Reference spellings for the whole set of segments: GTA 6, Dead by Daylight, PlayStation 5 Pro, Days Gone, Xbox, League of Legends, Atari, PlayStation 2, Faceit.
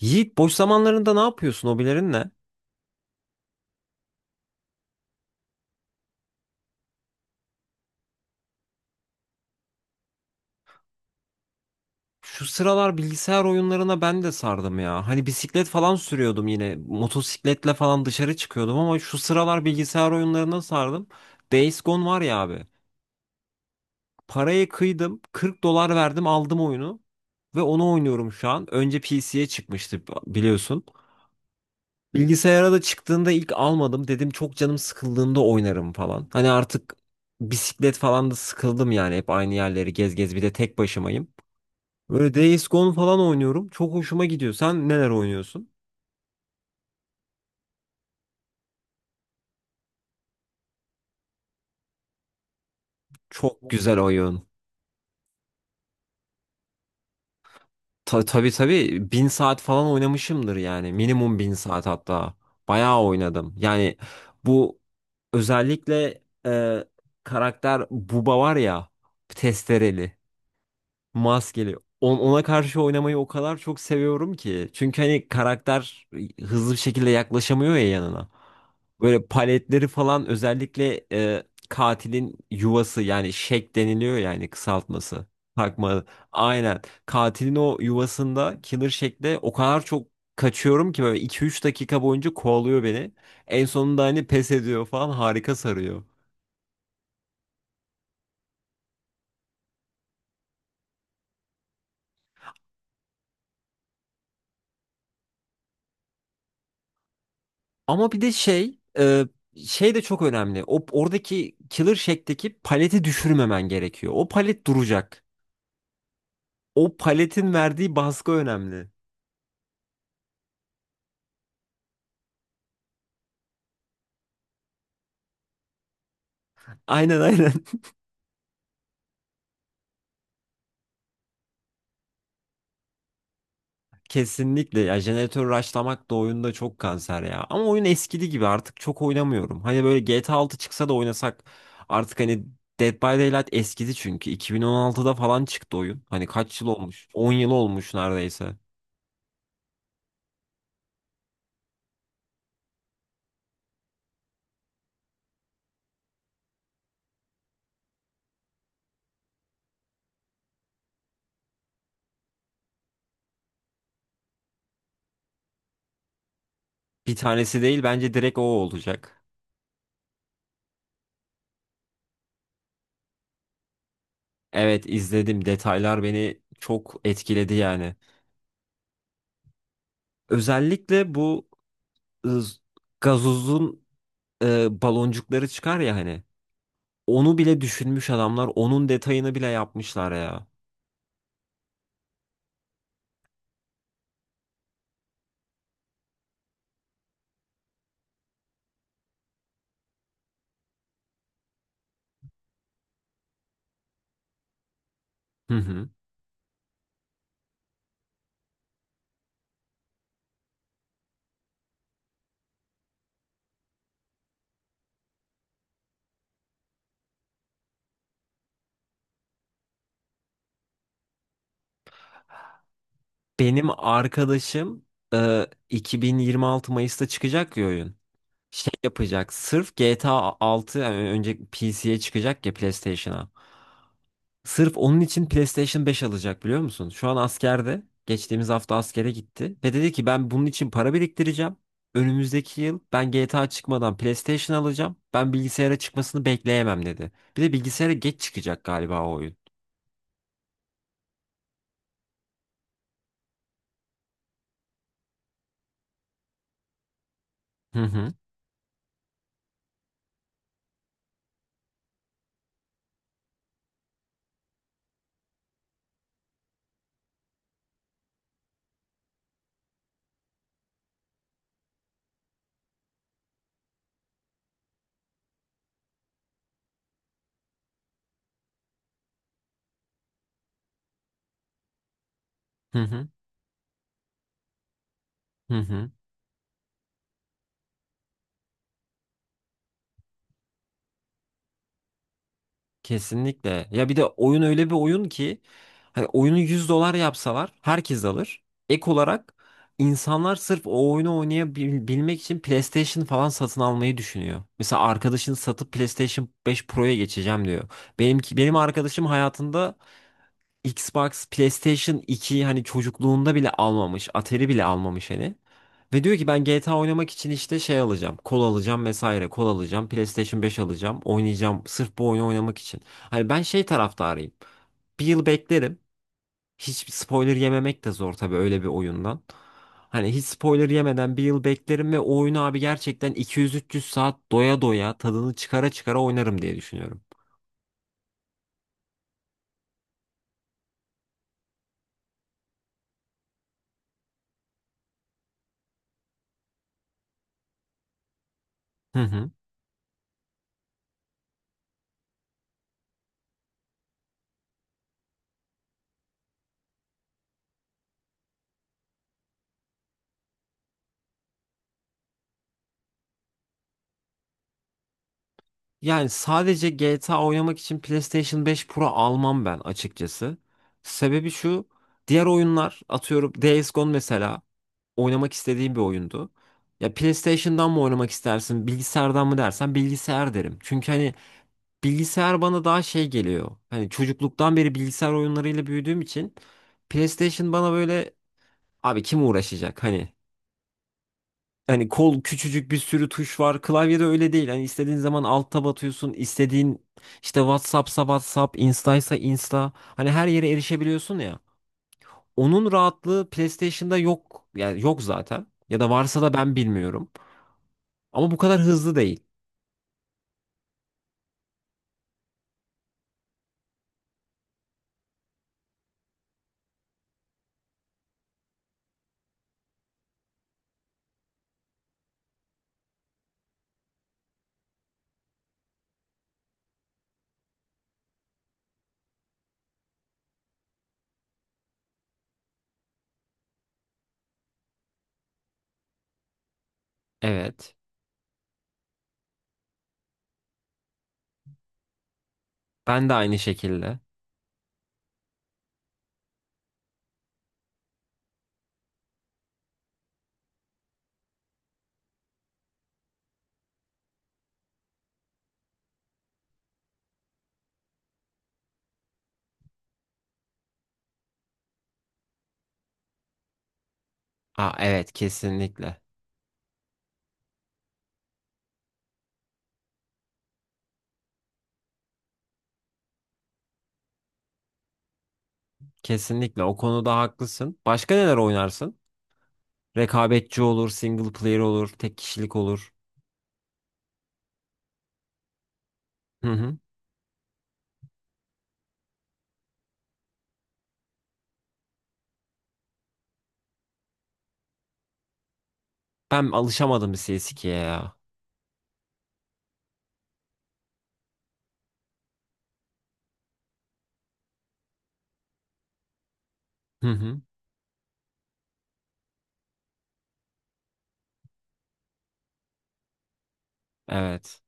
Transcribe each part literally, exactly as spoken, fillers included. Yiğit, boş zamanlarında ne yapıyorsun? Hobilerin ne? Şu sıralar bilgisayar oyunlarına ben de sardım ya. Hani bisiklet falan sürüyordum yine. Motosikletle falan dışarı çıkıyordum ama şu sıralar bilgisayar oyunlarına sardım. Days Gone var ya abi. Parayı kıydım. 40 dolar verdim, aldım oyunu. Ve onu oynuyorum şu an. Önce P C'ye çıkmıştı biliyorsun. Bilgisayara da çıktığında ilk almadım. Dedim çok canım sıkıldığında oynarım falan. Hani artık bisiklet falan da sıkıldım yani. Hep aynı yerleri gez gez, bir de tek başımayım. Böyle Days Gone falan oynuyorum. Çok hoşuma gidiyor. Sen neler oynuyorsun? Çok güzel oyun. Ta tabii tabii, bin saat falan oynamışımdır yani. Minimum bin saat hatta. Bayağı oynadım. Yani bu özellikle e, karakter Bubba var ya, testereli. Maskeli. On- Ona karşı oynamayı o kadar çok seviyorum ki. Çünkü hani karakter hızlı bir şekilde yaklaşamıyor ya yanına. Böyle paletleri falan özellikle e, katilin yuvası, yani şek deniliyor yani kısaltması. Takma. Aynen. Katilin o yuvasında killer şekle o kadar çok kaçıyorum ki, böyle iki üç dakika boyunca kovalıyor beni. En sonunda hani pes ediyor falan, harika sarıyor. Ama bir de şey e, şey de çok önemli. O oradaki Killer Shack'teki paleti düşürmemen gerekiyor. O palet duracak. O paletin verdiği baskı önemli. Aynen aynen. Kesinlikle ya, jeneratör rushlamak da oyunda çok kanser ya. Ama oyun eskidi gibi artık çok oynamıyorum. Hani böyle G T A altı çıksa da oynasak artık, hani Dead by Daylight eskidi çünkü. iki bin on altıda falan çıktı oyun. Hani kaç yıl olmuş? On yıl olmuş neredeyse. Bir tanesi değil, bence direkt o olacak. Evet, izledim. Detaylar beni çok etkiledi yani. Özellikle bu ız- gazozun e, baloncukları çıkar ya hani. Onu bile düşünmüş adamlar. Onun detayını bile yapmışlar ya. Hı hı. Benim arkadaşım e, iki bin yirmi altı Mayıs'ta çıkacak ya oyun. Şey yapacak. Sırf G T A altı, yani önce P C'ye çıkacak ya, PlayStation'a. Sırf onun için PlayStation beş alacak, biliyor musun? Şu an askerde. Geçtiğimiz hafta askere gitti. Ve dedi ki ben bunun için para biriktireceğim. Önümüzdeki yıl ben G T A çıkmadan PlayStation alacağım. Ben bilgisayara çıkmasını bekleyemem dedi. Bir de bilgisayara geç çıkacak galiba o oyun. Hı hı. Hı hı. Hı hı. Kesinlikle. Ya bir de oyun öyle bir oyun ki, hani oyunu yüz dolar yapsalar herkes alır. Ek olarak insanlar sırf o oyunu oynayabilmek için PlayStation falan satın almayı düşünüyor. Mesela arkadaşın satıp PlayStation beş Pro'ya geçeceğim diyor. Benimki benim arkadaşım hayatında Xbox, PlayStation iki, hani çocukluğunda bile almamış. Atari bile almamış hani. Ve diyor ki ben G T A oynamak için işte şey alacağım. Kol alacağım vesaire. Kol alacağım. PlayStation beş alacağım. Oynayacağım. Sırf bu oyunu oynamak için. Hani ben şey taraftarıyım. Bir yıl beklerim. Hiç spoiler yememek de zor tabii öyle bir oyundan. Hani hiç spoiler yemeden bir yıl beklerim ve o oyunu abi gerçekten iki yüz üç yüz saat doya doya, tadını çıkara çıkara oynarım diye düşünüyorum. Hı hı. Yani sadece G T A oynamak için PlayStation beş Pro almam ben açıkçası. Sebebi şu, diğer oyunlar, atıyorum Days Gone mesela, oynamak istediğim bir oyundu. Ya PlayStation'dan mı oynamak istersin, bilgisayardan mı dersen, bilgisayar derim. Çünkü hani bilgisayar bana daha şey geliyor. Hani çocukluktan beri bilgisayar oyunlarıyla büyüdüğüm için PlayStation bana böyle, abi kim uğraşacak hani Hani kol küçücük, bir sürü tuş var. Klavyede öyle değil. Hani istediğin zaman alta batıyorsun. İstediğin işte WhatsApp'sa WhatsApp, Insta'ysa Insta. Hani her yere erişebiliyorsun ya. Onun rahatlığı PlayStation'da yok. Yani yok zaten. Ya da varsa da ben bilmiyorum. Ama bu kadar hızlı değil. Evet. Ben de aynı şekilde. Aa, evet, kesinlikle. Kesinlikle o konuda haklısın. Başka neler oynarsın? Rekabetçi olur, single player olur, tek kişilik olur. Hı hı. Ben alışamadım C S iki'ye ya. Hı hı. Evet.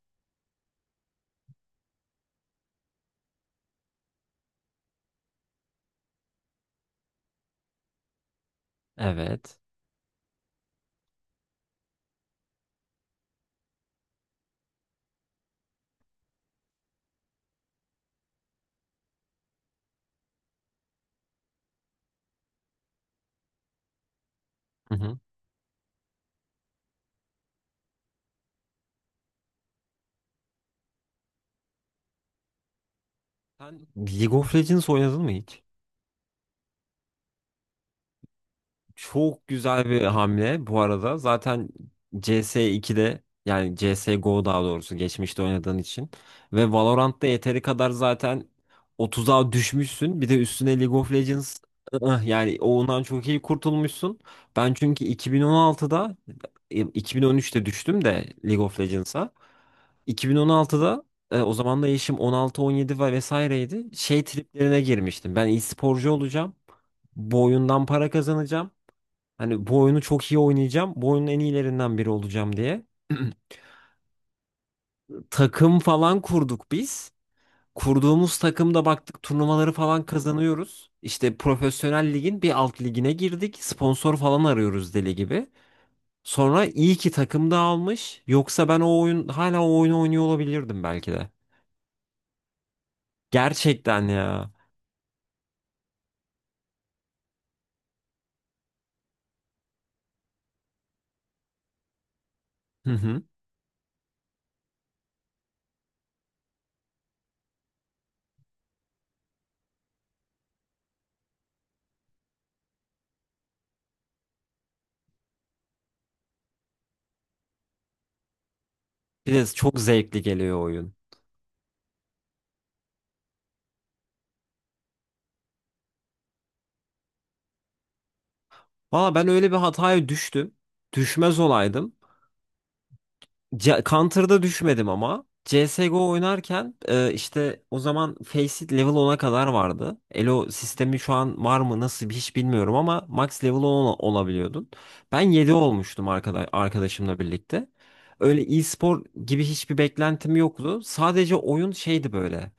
Evet. Hı hı. Sen League of Legends oynadın mı hiç? Çok güzel bir hamle bu arada. Zaten C S iki'de, yani C S G O daha doğrusu, geçmişte oynadığın için ve Valorant'ta yeteri kadar zaten otuza düşmüşsün. Bir de üstüne League of Legends, ıh, yani ondan çok iyi kurtulmuşsun. Ben çünkü iki bin on altıda iki bin on üçte düştüm de League of Legends'a. iki bin on altıda e, o zaman da yaşım on altı on yedi ve vesaireydi. Şey triplerine girmiştim. Ben iyi sporcu olacağım. Bu oyundan para kazanacağım. Hani bu oyunu çok iyi oynayacağım. Bu oyunun en iyilerinden biri olacağım diye. Takım falan kurduk biz. Kurduğumuz takımda baktık turnuvaları falan kazanıyoruz. İşte profesyonel ligin bir alt ligine girdik. Sponsor falan arıyoruz deli gibi. Sonra iyi ki takım dağılmış. Yoksa ben o oyun hala o oyunu oynuyor olabilirdim belki de. Gerçekten ya. Hı hı. Bir de çok zevkli geliyor oyun. Valla ben öyle bir hataya düştüm. Düşmez olaydım. C Counter'da düşmedim ama. C S G O oynarken e, işte o zaman Faceit level ona kadar vardı. Elo sistemi şu an var mı, nasıl bir, hiç bilmiyorum ama max level on ola- olabiliyordun. Ben yedi olmuştum arkada arkadaşımla birlikte. Öyle e-spor gibi hiçbir beklentim yoktu. Sadece oyun şeydi böyle.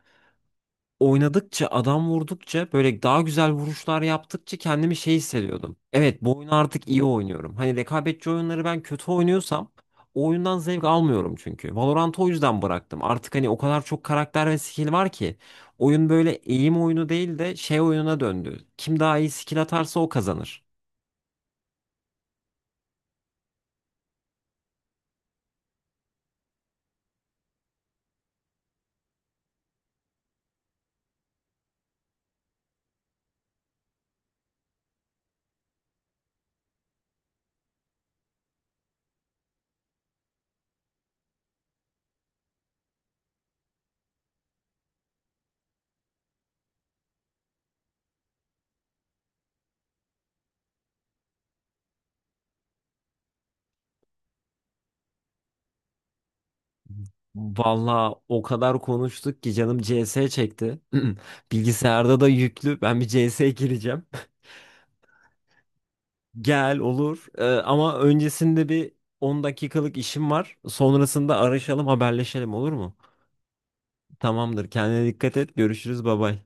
Oynadıkça, adam vurdukça, böyle daha güzel vuruşlar yaptıkça kendimi şey hissediyordum. Evet, bu oyunu artık iyi oynuyorum. Hani rekabetçi oyunları ben kötü oynuyorsam o oyundan zevk almıyorum çünkü. Valorant'ı o yüzden bıraktım. Artık hani o kadar çok karakter ve skill var ki, oyun böyle eğim oyunu değil de şey oyununa döndü. Kim daha iyi skill atarsa o kazanır. Vallahi o kadar konuştuk ki canım C S çekti. Bilgisayarda da yüklü. Ben bir C S gireceğim. Gel olur. Ee, ama öncesinde bir on dakikalık işim var. Sonrasında araşalım, haberleşelim, olur mu? Tamamdır. Kendine dikkat et. Görüşürüz. Bay bay.